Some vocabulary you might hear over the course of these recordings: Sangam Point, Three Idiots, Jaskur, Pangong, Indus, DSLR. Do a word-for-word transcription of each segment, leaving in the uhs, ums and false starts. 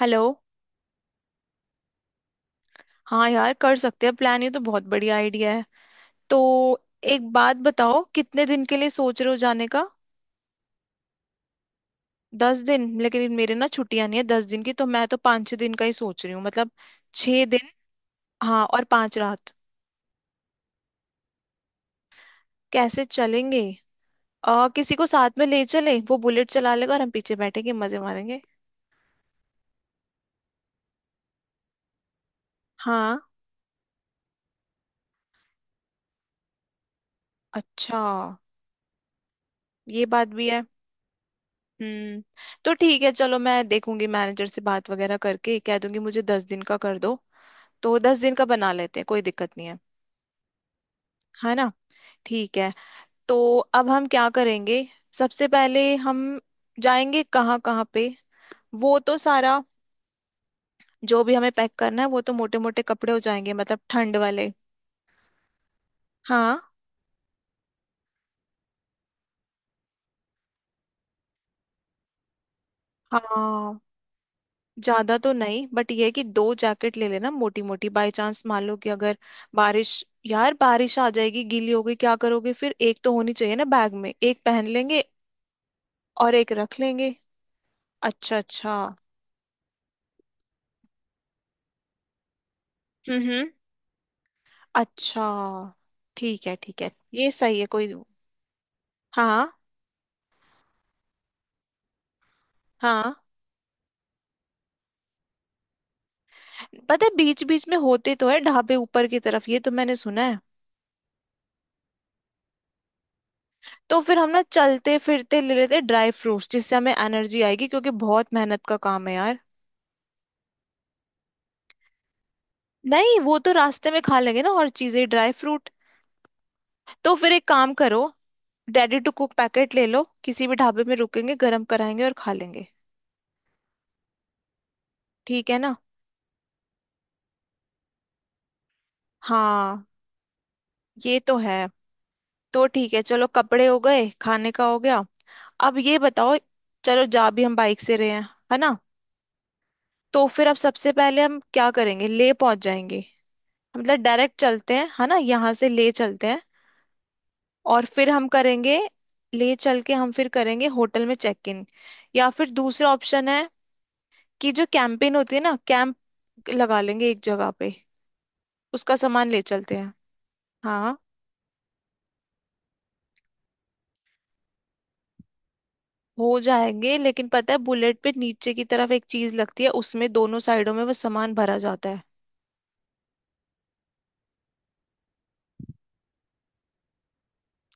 Hello. हाँ यार, कर सकते हैं प्लान। ये तो बहुत बढ़िया आइडिया है। तो एक बात बताओ, कितने दिन के लिए सोच रहे हो जाने का? दस दिन? लेकिन मेरे ना छुट्टियां नहीं है दस दिन की, तो मैं तो पाँच छह दिन का ही सोच रही हूँ मतलब छह दिन। हाँ और पांच रात। कैसे चलेंगे? आ, किसी को साथ में ले चले, वो बुलेट चला लेगा और हम पीछे बैठेंगे मजे मारेंगे। हाँ, अच्छा, ये बात भी है। हम्म तो ठीक है, चलो मैं देखूंगी, मैनेजर से बात वगैरह करके कह दूंगी मुझे दस दिन का कर दो, तो दस दिन का बना लेते हैं, कोई दिक्कत नहीं है। है ना? ठीक है। तो अब हम क्या करेंगे सबसे पहले? हम जाएंगे कहाँ कहाँ पे? वो तो सारा जो भी हमें पैक करना है वो तो मोटे मोटे कपड़े हो जाएंगे, मतलब ठंड वाले। हाँ। हाँ, ज्यादा तो नहीं, बट ये है कि दो जैकेट ले लेना मोटी मोटी, बाई चांस मान लो कि अगर बारिश। यार बारिश आ जाएगी, गीली होगी, क्या करोगे फिर? एक तो होनी चाहिए ना बैग में, एक पहन लेंगे और एक रख लेंगे। अच्छा अच्छा। हम्म। अच्छा। ठीक है ठीक है, ये सही है, कोई। हाँ। हाँ, पता है, बीच बीच में होते तो है ढाबे ऊपर की तरफ, ये तो मैंने सुना है। तो फिर हम ना चलते फिरते ले लेते ड्राई फ्रूट्स, जिससे हमें एनर्जी आएगी क्योंकि बहुत मेहनत का काम है यार। नहीं, वो तो रास्ते में खा लेंगे ना और चीजें, ड्राई फ्रूट। तो फिर एक काम करो, रेडी टू कुक पैकेट ले लो, किसी भी ढाबे में रुकेंगे गर्म कराएंगे और खा लेंगे। ठीक है ना? हाँ, ये तो है। तो ठीक है, चलो, कपड़े हो गए, खाने का हो गया। अब ये बताओ, चलो जा भी हम बाइक से रहे हैं, है ना? तो फिर अब सबसे पहले हम क्या करेंगे? ले पहुंच जाएंगे, मतलब डायरेक्ट चलते हैं, है ना, यहाँ से ले चलते हैं। और फिर हम करेंगे, ले चल के हम फिर करेंगे होटल में चेक इन, या फिर दूसरा ऑप्शन है कि जो कैंपिंग होती है ना, कैंप लगा लेंगे एक जगह पे, उसका सामान ले चलते हैं। हाँ, हो जाएंगे, लेकिन पता है बुलेट पे नीचे की तरफ एक चीज लगती है, उसमें दोनों साइडों में वो सामान भरा जाता है।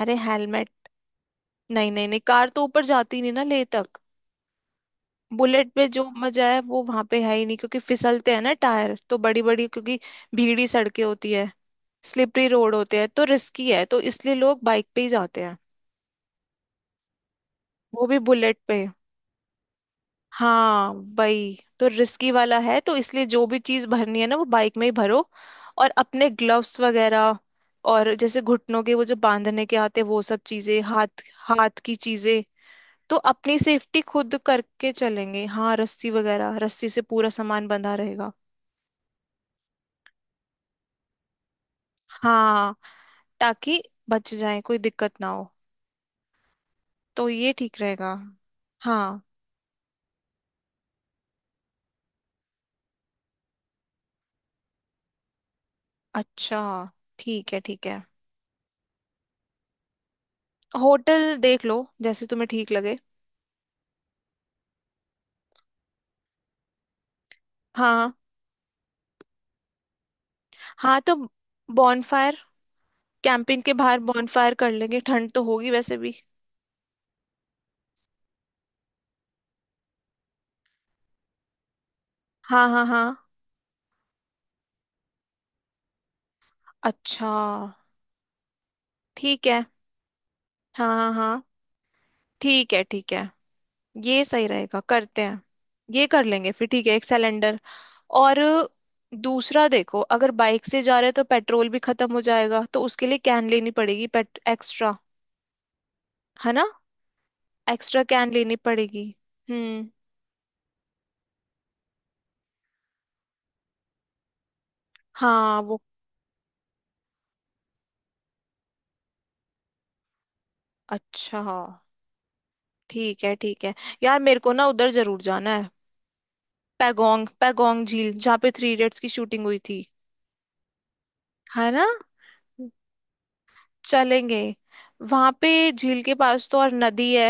अरे हेलमेट। नहीं नहीं नहीं, कार तो ऊपर जाती नहीं ना ले तक। बुलेट में जो मजा है वो वहां पे है ही नहीं क्योंकि फिसलते हैं ना टायर, तो बड़ी बड़ी, क्योंकि भीड़ी सड़कें होती है, स्लिपरी रोड होते हैं, तो रिस्की है, तो इसलिए लोग बाइक पे ही जाते हैं। वो भी बुलेट पे। हाँ, वही तो रिस्की वाला है, तो इसलिए जो भी चीज भरनी है ना, वो बाइक में ही भरो। और अपने ग्लव्स वगैरह और जैसे घुटनों के वो जो बांधने के आते हैं, वो सब चीजें, हाथ, हाथ की चीजें। तो अपनी सेफ्टी खुद करके चलेंगे। हाँ रस्सी वगैरह, रस्सी से पूरा सामान बंधा रहेगा। हाँ, ताकि बच जाए, कोई दिक्कत ना हो। तो ये ठीक रहेगा। हाँ। अच्छा, ठीक है ठीक है। होटल देख लो, जैसे तुम्हें ठीक लगे। हाँ। हाँ तो बॉनफायर, कैंपिंग के बाहर बॉनफायर कर लेंगे, ठंड तो होगी वैसे भी। हाँ हाँ हाँ। अच्छा, ठीक है। हाँ हाँ हाँ। ठीक है ठीक है, ये सही रहेगा, करते हैं। ये कर लेंगे, फिर ठीक है एक सिलेंडर। और दूसरा देखो, अगर बाइक से जा रहे हैं तो पेट्रोल भी खत्म हो जाएगा, तो उसके लिए कैन लेनी पड़ेगी पेट एक्स्ट्रा। है ना? एक्स्ट्रा कैन लेनी पड़ेगी। हम्म। हाँ वो। अच्छा, हाँ, ठीक है ठीक है। यार मेरे को ना उधर जरूर जाना है पैगोंग, पैगोंग झील जहाँ पे थ्री इडियट्स की शूटिंग हुई थी। है ना? चलेंगे, वहां पे झील के पास तो और नदी है,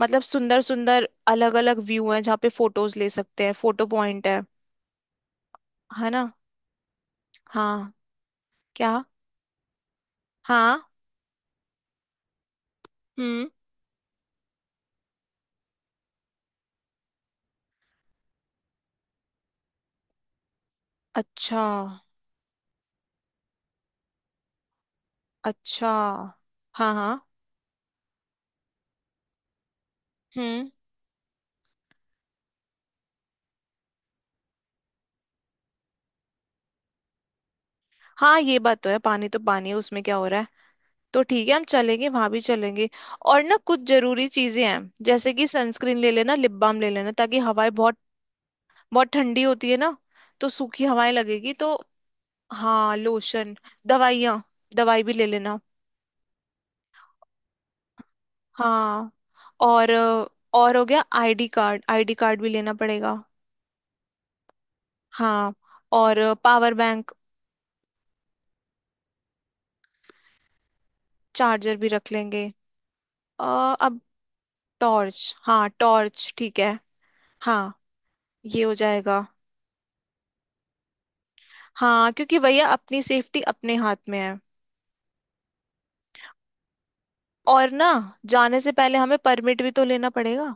मतलब सुंदर सुंदर अलग अलग व्यू हैं जहाँ पे फोटोज ले सकते हैं, फोटो पॉइंट है। है ना? हाँ। क्या? हाँ। हम्म। अच्छा अच्छा। हाँ हाँ। हम्म। हाँ ये बात तो है, पानी तो पानी है उसमें क्या हो रहा है। तो ठीक है, हम चलेंगे, वहां भी चलेंगे। और ना कुछ जरूरी चीजें हैं, जैसे कि सनस्क्रीन ले लेना, लिप बाम ले लेना, ताकि हवाएं बहुत बहुत ठंडी होती है ना, तो सूखी हवाएं लगेगी तो। हाँ लोशन, दवाइयाँ, दवाई भी ले लेना। हाँ और अ, और हो गया I D card, I D card भी लेना पड़ेगा। हाँ और पावर बैंक, चार्जर भी रख लेंगे। अ, अब टॉर्च, हाँ टॉर्च ठीक है। हाँ। ये हो जाएगा। हाँ, क्योंकि भैया अपनी सेफ्टी अपने हाथ में है। और ना जाने से पहले हमें परमिट भी तो लेना पड़ेगा।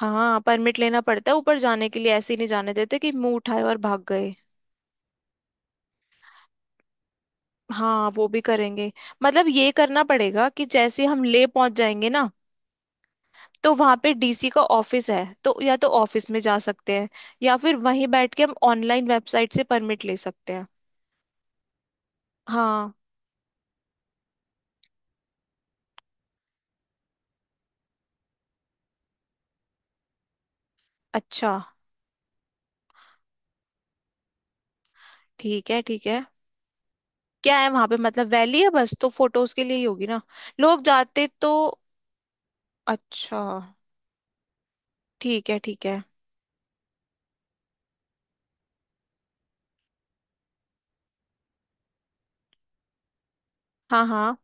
हाँ, परमिट लेना पड़ता है ऊपर जाने के लिए, ऐसे ही नहीं जाने देते कि मुंह उठाए और भाग गए। हाँ वो भी करेंगे, मतलब ये करना पड़ेगा कि जैसे हम ले पहुंच जाएंगे ना, तो वहां पे डी सी का ऑफिस है, तो या तो ऑफिस में जा सकते हैं या फिर वहीं बैठ के हम ऑनलाइन वेबसाइट से परमिट ले सकते हैं। हाँ। अच्छा, ठीक है ठीक है। क्या है वहां पे, मतलब वैली है बस, तो फोटोज के लिए ही होगी ना, लोग जाते तो। अच्छा, ठीक है ठीक है। हाँ हाँ।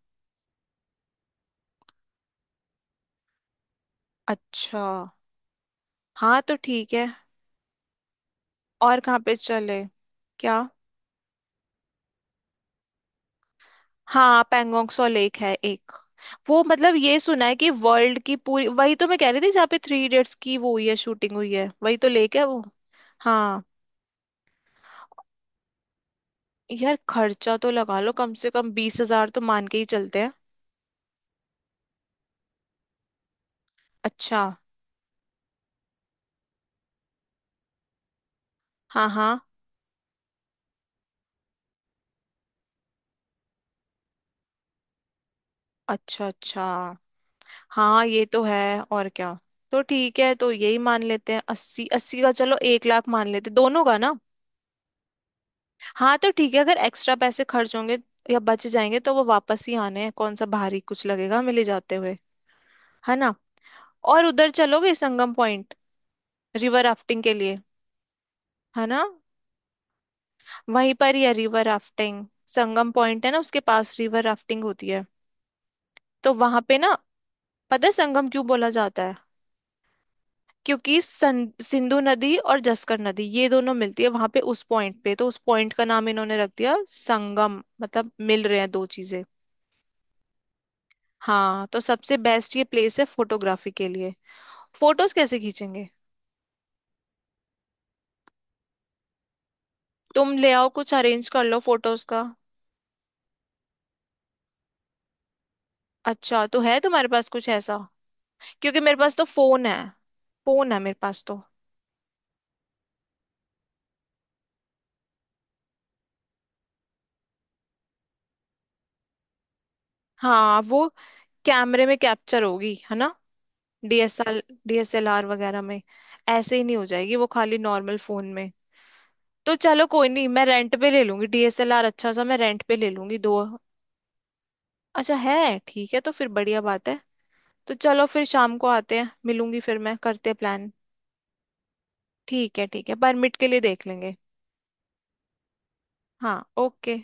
अच्छा। हाँ तो ठीक है। और कहाँ पे चले? क्या? हाँ पैंगोंगसो लेक है एक, वो मतलब ये सुना है कि वर्ल्ड की पूरी, वही तो मैं कह रही थी जहाँ पे थ्री इडियट्स की वो हुई है, शूटिंग हुई है, वही तो लेक है वो। हाँ। यार खर्चा तो लगा लो कम से कम बीस हजार तो मान के ही चलते हैं। अच्छा। हाँ हाँ। अच्छा अच्छा। हाँ ये तो है। और क्या? तो ठीक है, तो यही मान लेते हैं अस्सी अस्सी का, चलो एक लाख मान लेते हैं, दोनों का ना। हाँ तो ठीक है, अगर एक्स्ट्रा पैसे खर्च होंगे या बच जाएंगे तो वो वापस ही आने हैं, कौन सा भारी कुछ लगेगा हमें ले जाते हुए। है ना? और उधर चलोगे संगम पॉइंट रिवर राफ्टिंग के लिए? है ना, वहीं पर ही है रिवर राफ्टिंग, संगम पॉइंट है ना उसके पास रिवर राफ्टिंग होती है, तो वहां पे ना। पता है संगम क्यों बोला जाता है? क्योंकि सन- सिंधु नदी और जस्कर नदी ये दोनों मिलती है वहां पे उस पॉइंट पे, तो उस पॉइंट का नाम इन्होंने रख दिया संगम, मतलब मिल रहे हैं दो चीजें। हाँ तो सबसे बेस्ट ये प्लेस है फोटोग्राफी के लिए। फोटोज कैसे खींचेंगे? तुम ले आओ, कुछ अरेंज कर लो फोटोज का। अच्छा, तो है तुम्हारे पास कुछ ऐसा, क्योंकि मेरे पास तो फोन है, फोन है मेरे पास तो। हाँ वो कैमरे में कैप्चर होगी, है ना, डीएसएल डीएसएलआर वगैरह में, ऐसे ही नहीं हो जाएगी वो खाली नॉर्मल फोन में। तो चलो कोई नहीं, मैं रेंट पे ले लूंगी डी एस एल आर, अच्छा सा मैं रेंट पे ले लूंगी दो। अच्छा है। ठीक है, तो फिर बढ़िया बात है। तो चलो फिर शाम को आते हैं, मिलूंगी, फिर मैं करते हैं प्लान। ठीक है ठीक है, परमिट के लिए देख लेंगे। हाँ ओके।